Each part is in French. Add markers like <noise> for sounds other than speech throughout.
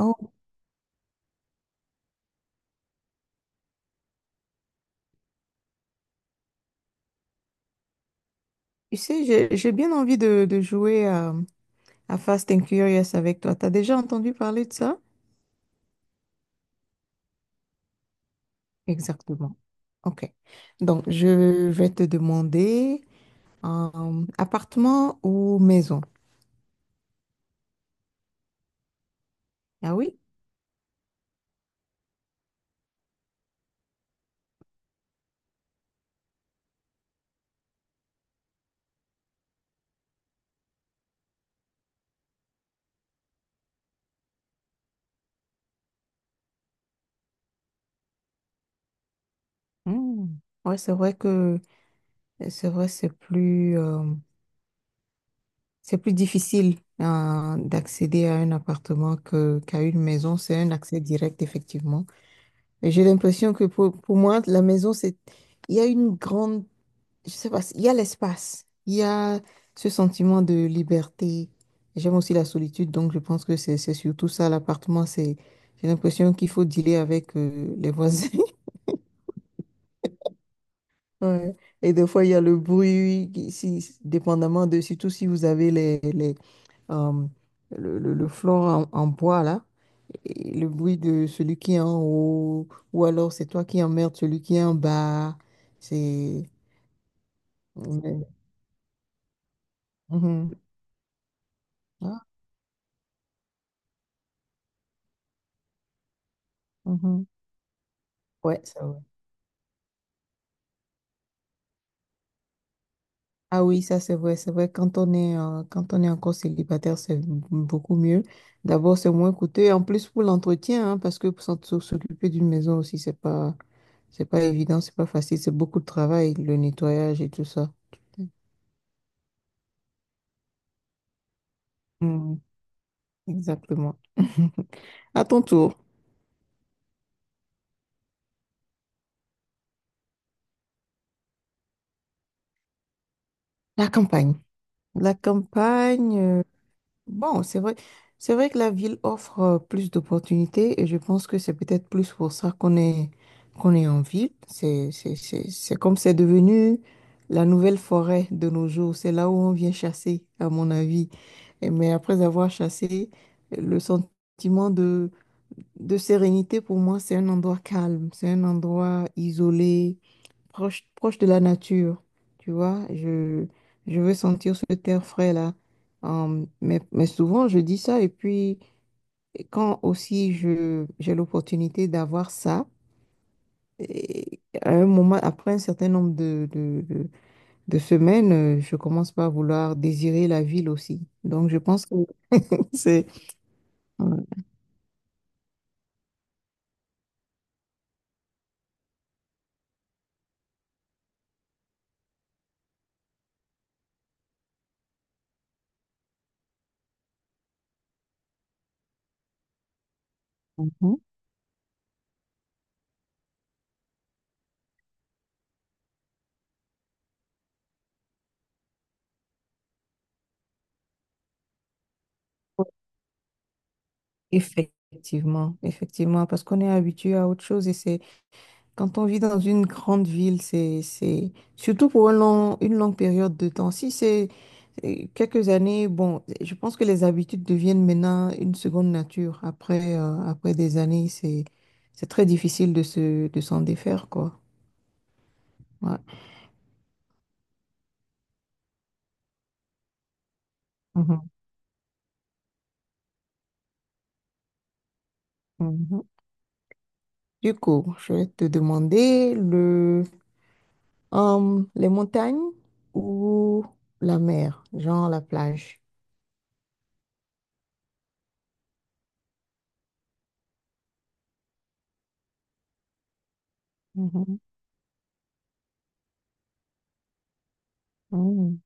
Oh, tu sais, j'ai bien envie de jouer à Fast and Curious avec toi. T'as déjà entendu parler de ça? Exactement. OK. Donc, je vais te demander appartement ou maison? Ah oui? Hmm. Ouais, c'est vrai, c'est plus difficile d'accéder à un appartement qu'à une maison. C'est un accès direct, effectivement. Et j'ai l'impression que pour moi, la maison, c'est, il y a une grande, je sais pas, il y a l'espace, il y a ce sentiment de liberté. J'aime aussi la solitude, donc je pense que c'est surtout ça, l'appartement, c'est, j'ai l'impression qu'il faut dealer avec les voisins. <laughs> Ouais. Et des fois, il y a le bruit, si, dépendamment de, surtout si vous avez euh, le flore en bois là, et le bruit de celui qui est en haut, ou alors c'est toi qui emmerdes celui qui est en bas. C'est. Mais- Mhm. Ah, mhm. Ouais, c'est vrai. Ah oui, ça c'est vrai, c'est vrai. Quand on est encore célibataire, beaucoup mieux. D'abord, c'est moins coûteux. Et en plus, pour l'entretien, hein, parce que pour s'occuper d'une maison aussi, c'est pas évident, c'est pas facile. C'est beaucoup de travail, le nettoyage et tout ça. Exactement. <laughs> À ton tour, la campagne. La campagne, bon, c'est vrai que la ville offre plus d'opportunités et je pense que c'est peut-être plus pour ça qu'on est en ville. C'est comme c'est devenu la nouvelle forêt de nos jours. C'est là où on vient chasser, à mon avis. Mais après avoir chassé, le sentiment de sérénité, pour moi, c'est un endroit calme, c'est un endroit isolé, proche de la nature. Tu vois, je veux sentir ce terre frais là. Mais souvent, je dis ça. Et puis, quand aussi j'ai l'opportunité d'avoir ça, et à un moment, après un certain nombre de semaines, je commence par vouloir désirer la ville aussi. Donc, je pense que <laughs> c'est. Ouais. Mhm. Effectivement, effectivement, parce qu'on est habitué à autre chose et c'est quand on vit dans une grande ville, c'est surtout pour un une longue période de temps. Si c'est quelques années, bon, je pense que les habitudes deviennent maintenant une seconde nature. Après, après des années, c'est très difficile de s'en défaire, quoi. Ouais. Mhm, mhm. Du coup, je vais te demander le les montagnes ou la mer, genre la plage. Mhm,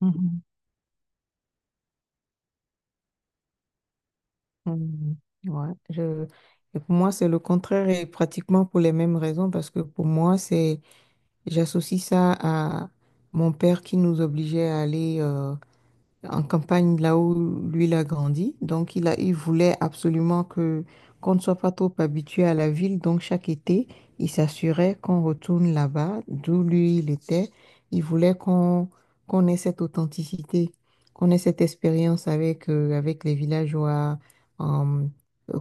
mhm, mhm. Ouais, et pour moi, c'est le contraire et pratiquement pour les mêmes raisons parce que pour moi, c'est j'associe ça à mon père qui nous obligeait à aller en campagne, là où lui, il a grandi. Donc, il voulait absolument que qu'on ne soit pas trop habitué à la ville. Donc, chaque été, il s'assurait qu'on retourne là-bas, d'où lui, il était. Il voulait qu'on ait cette authenticité, qu'on ait cette expérience avec les villageois, euh,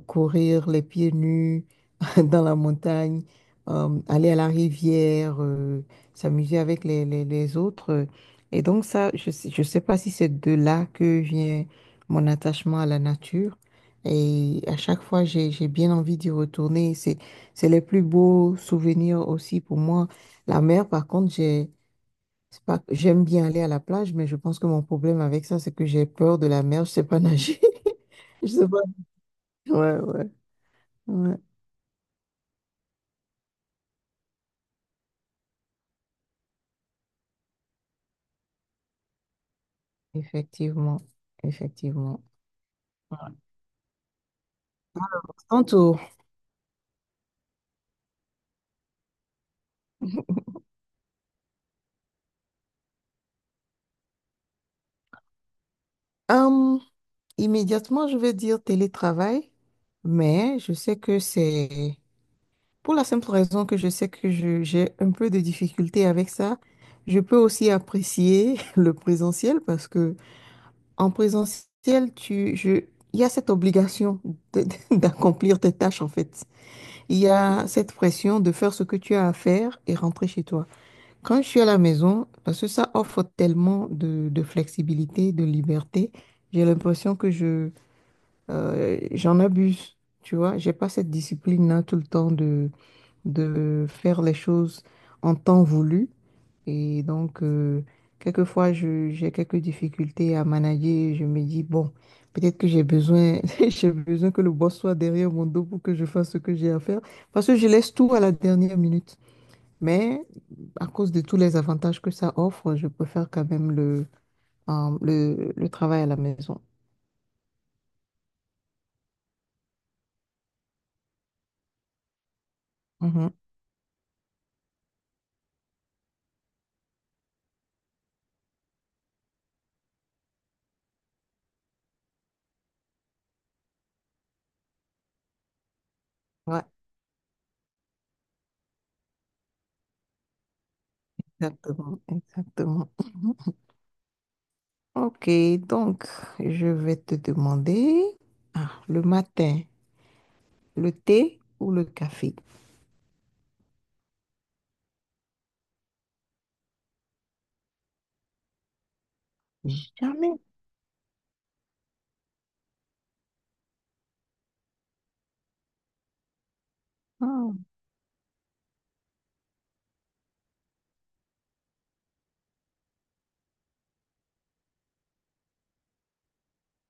courir les pieds nus, <laughs> dans la montagne, aller à la rivière, s'amuser avec les autres. Et donc ça, je sais pas si c'est de là que vient mon attachement à la nature. Et à chaque fois, j'ai bien envie d'y retourner. C'est les plus beaux souvenirs aussi pour moi. La mer, par contre, j'ai, c'est pas, j'aime bien aller à la plage, mais je pense que mon problème avec ça, c'est que j'ai peur de la mer. Je sais pas nager. <laughs> Je sais pas. Ouais, ouais, ouais. Effectivement. Effectivement. En tout, hum, immédiatement, je vais dire télétravail, mais je sais que c'est pour la simple raison que je sais que j'ai un peu de difficulté avec ça. Je peux aussi apprécier <laughs> le présentiel parce que en présentiel, il y a cette obligation de- <laughs> d'accomplir tes tâches en fait. Il y a cette pression de faire ce que tu as à faire et rentrer chez toi. Quand je suis à la maison, parce que ça offre tellement de flexibilité, de liberté, j'ai l'impression que j'en abuse, tu vois. J'ai pas cette discipline-là tout le temps de faire les choses en temps voulu. Et donc, quelquefois, j'ai quelques difficultés à manager. Je me dis, bon, peut-être que j'ai besoin, <laughs> j'ai besoin que le boss soit derrière mon dos pour que je fasse ce que j'ai à faire. Parce que je laisse tout à la dernière minute. Mais à cause de tous les avantages que ça offre, je préfère quand même le travail à la maison. Mhm. Ouais, exactement, exactement. Mhm. OK, donc je vais te demander, ah, le matin, le thé ou le café? Jamais. Ah,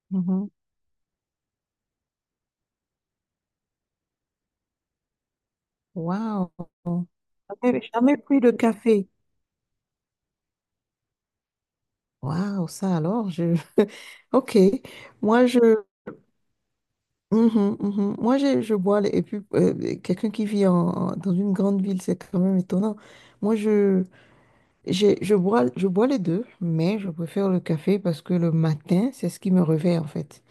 mhm. Waouh, jamais, jamais pris de café. Waouh, ça alors, <laughs> OK, moi je, Mhm, mhm. Moi, je bois, et puis quelqu'un qui vit dans une grande ville, c'est quand même étonnant. Moi, je bois les deux, mais je préfère le café parce que le matin, c'est ce qui me réveille en fait.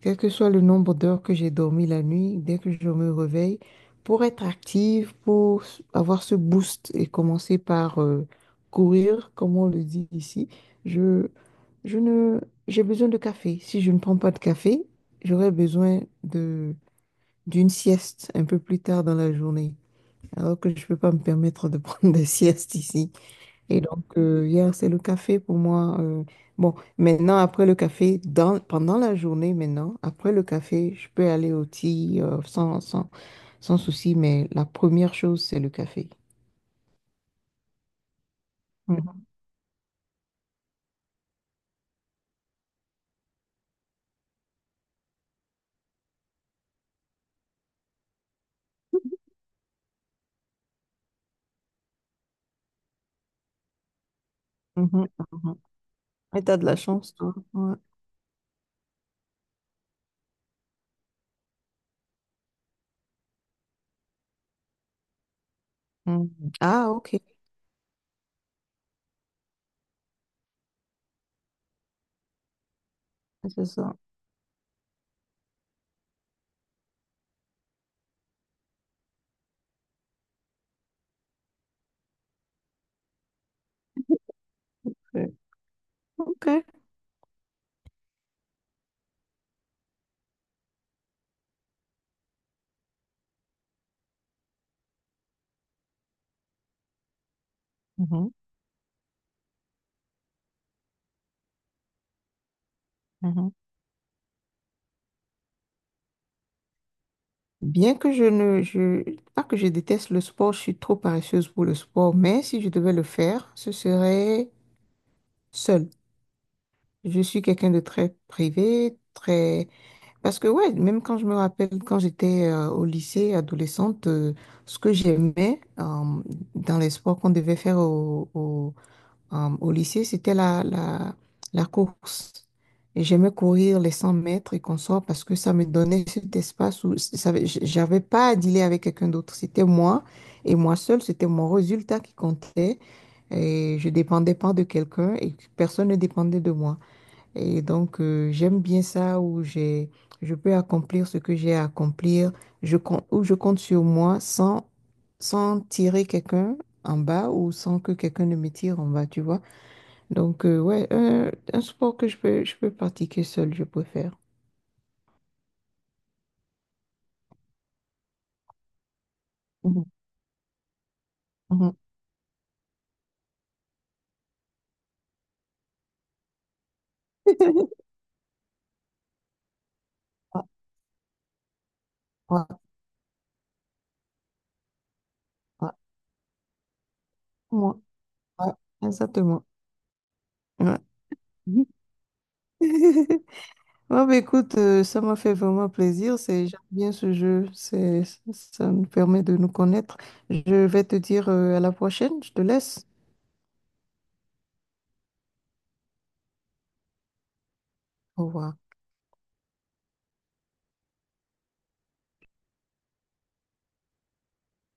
Quel que soit le nombre d'heures que j'ai dormi la nuit, dès que je me réveille, pour être active, pour avoir ce boost et commencer par courir, comme on le dit ici, je, je ne, j'ai besoin de café. Si je ne prends pas de café, j'aurais besoin de d'une sieste un peu plus tard dans la journée, alors que je ne peux pas me permettre de <laughs> prendre des siestes ici. Et donc, hier, c'est le café pour moi. Bon, maintenant, après le café, pendant la journée, maintenant, après le café, je peux aller au thé sans souci, mais la première chose, c'est le café. Mhm, mhm, mhm. Et t'as de la chance, toi. Ouais. Mhm. Ah, OK, c'est ça. Ouais. OK. Mhm, mhm. Bien que je ne, je, pas que je déteste le sport, je suis trop paresseuse pour le sport, mais si je devais le faire, ce serait seule. Je suis quelqu'un de très privé. Parce que ouais, même quand je me rappelle, quand j'étais au lycée, adolescente, ce que j'aimais dans les sports qu'on devait faire au lycée, c'était la course. Et j'aimais courir les 100 mètres et consorts parce que ça me donnait cet espace où j'avais pas à dealer avec quelqu'un d'autre. C'était moi et moi seule, c'était mon résultat qui comptait. Et je dépendais pas de quelqu'un et personne ne dépendait de moi. Et donc, j'aime bien ça où je peux accomplir ce que j'ai à accomplir, où je compte sur moi sans tirer quelqu'un en bas ou sans que quelqu'un ne me tire en bas, tu vois. Donc, ouais, un sport que je peux pratiquer seul, je préfère. Mhm, mhm. <laughs> Ouais, ouais, ouais. Moi, ouais, exactement. Ouais. <laughs> Mhm. Ouais, bah, écoute, ça m'a fait vraiment plaisir. J'aime bien ce jeu. Ça nous permet de nous connaître. Je vais te dire, à la prochaine. Je te laisse. Au revoir.